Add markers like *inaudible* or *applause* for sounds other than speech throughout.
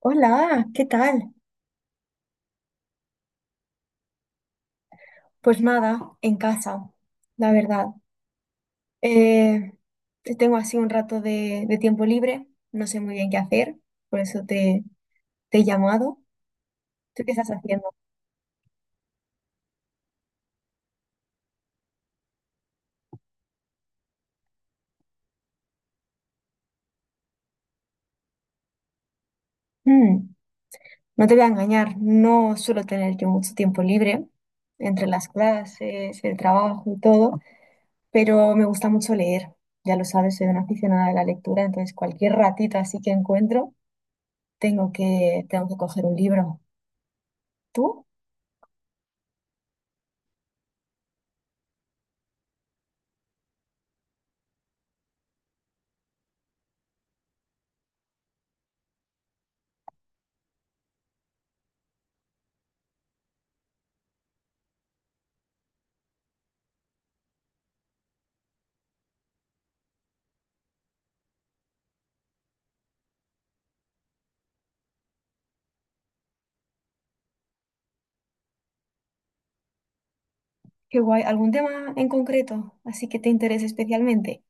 Hola, ¿qué tal? Pues nada, en casa, la verdad. Eh, tengo así un rato de tiempo libre, no sé muy bien qué hacer, por eso te he llamado. ¿Tú qué estás haciendo? Mm, no te voy a engañar, no suelo tener yo mucho tiempo libre entre las clases, el trabajo y todo, pero me gusta mucho leer. Ya lo sabes, soy una aficionada de la lectura, entonces cualquier ratito así que encuentro, tengo que coger un libro. ¿Tú? Qué guay. ¿Algún tema en concreto? Así que te interese especialmente.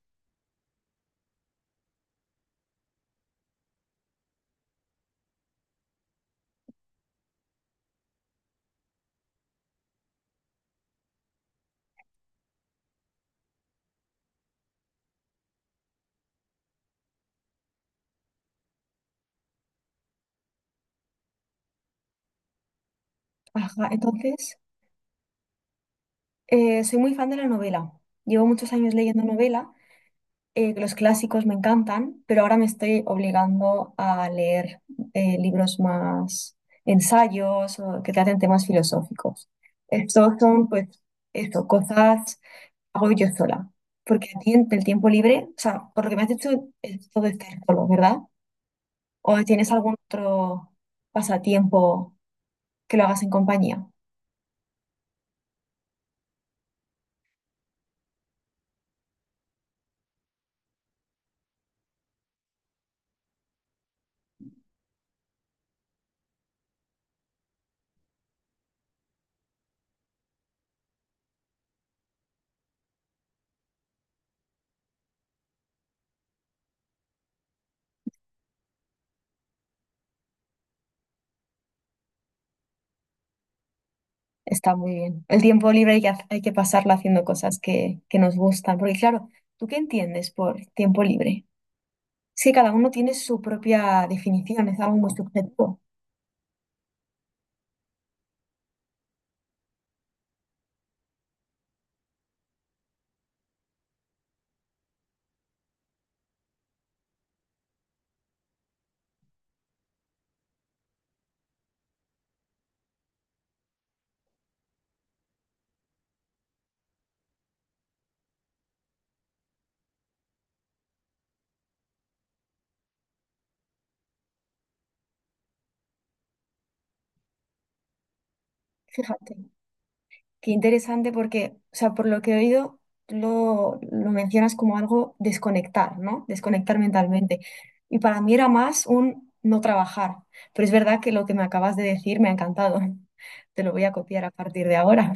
Ajá, entonces, soy muy fan de la novela. Llevo muchos años leyendo novela. Los clásicos me encantan, pero ahora me estoy obligando a leer libros más ensayos o que traten temas filosóficos. Estos son, pues, esto, cosas que hago yo sola. Porque a ti en el tiempo libre, o sea, por lo que me has dicho, es todo estar solo, ¿verdad? ¿O tienes algún otro pasatiempo? Que lo hagas en compañía. Está muy bien. El tiempo libre hay que pasarlo haciendo cosas que nos gustan. Porque claro, ¿tú qué entiendes por tiempo libre? Sí, cada uno tiene su propia definición, es algo muy subjetivo. Fíjate, qué interesante porque, o sea, por lo que he oído, lo mencionas como algo desconectar, ¿no? Desconectar mentalmente. Y para mí era más un no trabajar. Pero es verdad que lo que me acabas de decir me ha encantado. *laughs* Te lo voy a copiar a partir de ahora.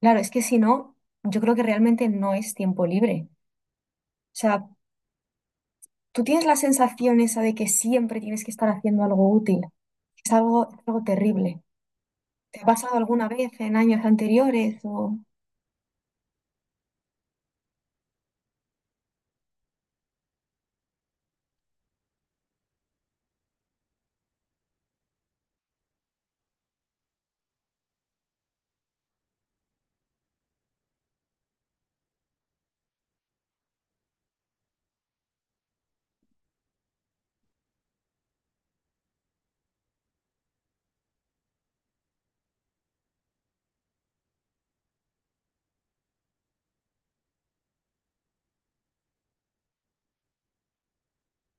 Claro, es que si no, yo creo que realmente no es tiempo libre. O sea, tú tienes la sensación esa de que siempre tienes que estar haciendo algo útil. Es algo terrible. ¿Te ha pasado alguna vez en años anteriores? O...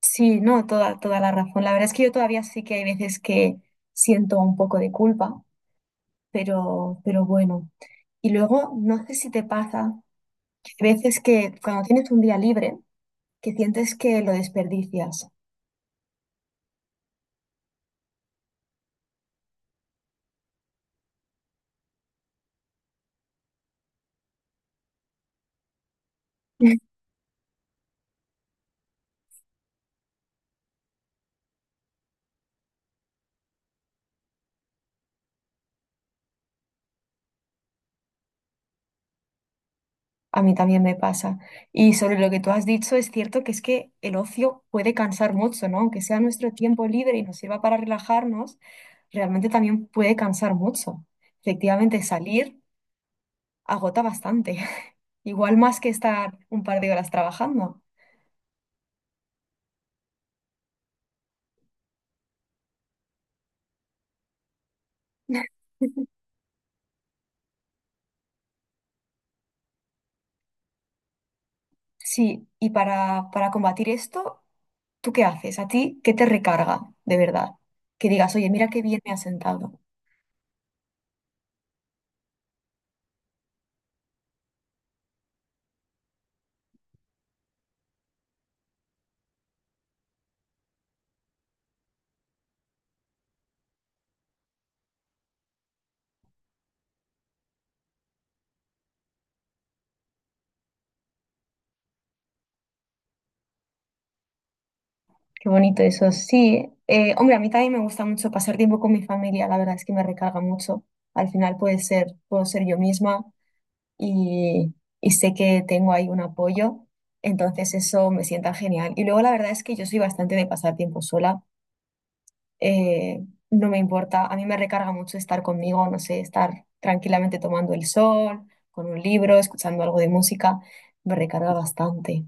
Sí, no, toda la razón. La verdad es que yo todavía sí que hay veces que siento un poco de culpa, pero bueno. Y luego, no sé si te pasa que hay veces que cuando tienes un día libre, que sientes que lo desperdicias. *laughs* A mí también me pasa. Y sobre lo que tú has dicho, es cierto que es que el ocio puede cansar mucho, ¿no? Aunque sea nuestro tiempo libre y nos sirva para relajarnos, realmente también puede cansar mucho. Efectivamente, salir agota bastante, *laughs* igual más que estar un par de horas trabajando. Sí, y para combatir esto, ¿tú qué haces? ¿A ti qué te recarga de verdad? Que digas, oye, mira qué bien me ha sentado. Qué bonito eso, sí. Hombre, a mí también me gusta mucho pasar tiempo con mi familia, la verdad es que me recarga mucho. Al final puedo ser yo misma y, y sé que tengo ahí un apoyo, entonces eso me sienta genial. Y luego la verdad es que yo soy bastante de pasar tiempo sola, eh, no me importa, a mí me recarga mucho estar conmigo, no sé, estar tranquilamente tomando el sol, con un libro, escuchando algo de música, me recarga bastante.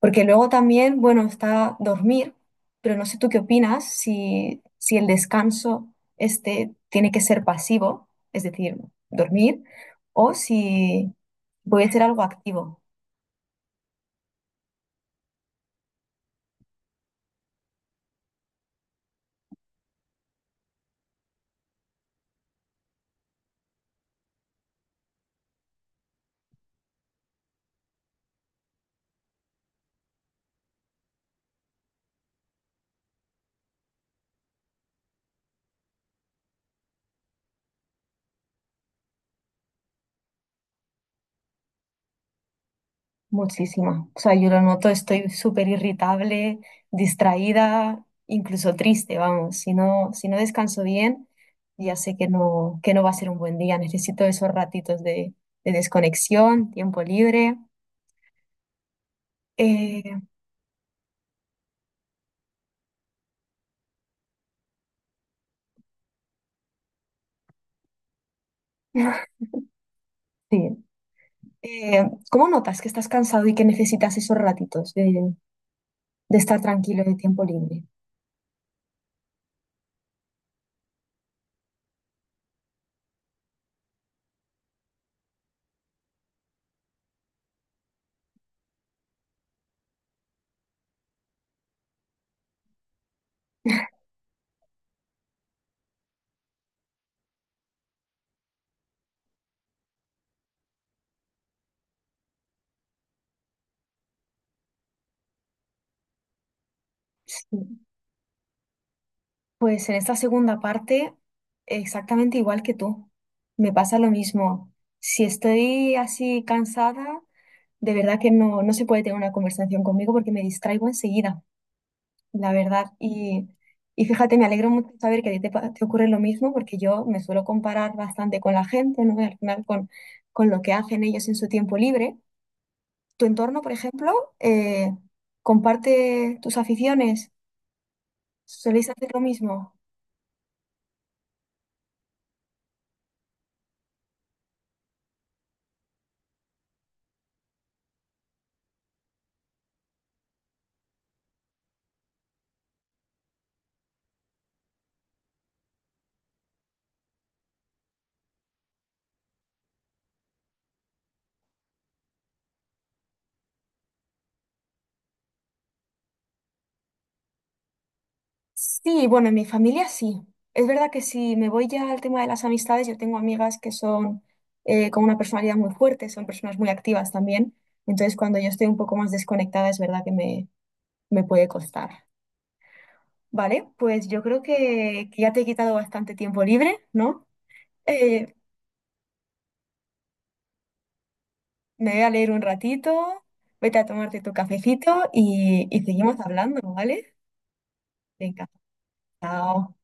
Porque luego también, bueno, está dormir, pero no sé tú qué opinas si, si el descanso este tiene que ser pasivo, es decir, dormir, o si puede ser algo activo, muchísimo. O sea, yo lo noto, estoy súper irritable, distraída, incluso triste, vamos. Si no, si no descanso bien, ya sé que que no va a ser un buen día. Necesito esos ratitos de desconexión, tiempo libre. Eh, *laughs* sí. Eh, ¿Cómo notas que estás cansado y que necesitas esos ratitos de estar tranquilo y de tiempo libre? Sí. Pues en esta segunda parte, exactamente igual que tú. Me pasa lo mismo. Si estoy así cansada, de verdad que no se puede tener una conversación conmigo porque me distraigo enseguida, la verdad. Y fíjate, me alegro mucho saber que a ti te ocurre lo mismo porque yo me suelo comparar bastante con la gente, ¿no? Y al final con lo que hacen ellos en su tiempo libre. ¿Tu entorno, por ejemplo, eh, comparte tus aficiones? ¿Soléis hacer lo mismo? Sí, bueno, en mi familia sí. Es verdad que si me voy ya al tema de las amistades, yo tengo amigas que son con una personalidad muy fuerte, son personas muy activas también. Entonces, cuando yo estoy un poco más desconectada, es verdad que me puede costar. Vale, pues yo creo que ya te he quitado bastante tiempo libre, ¿no? Eh, me voy a leer un ratito, vete a tomarte tu cafecito y seguimos hablando, ¿vale? Venga, chao.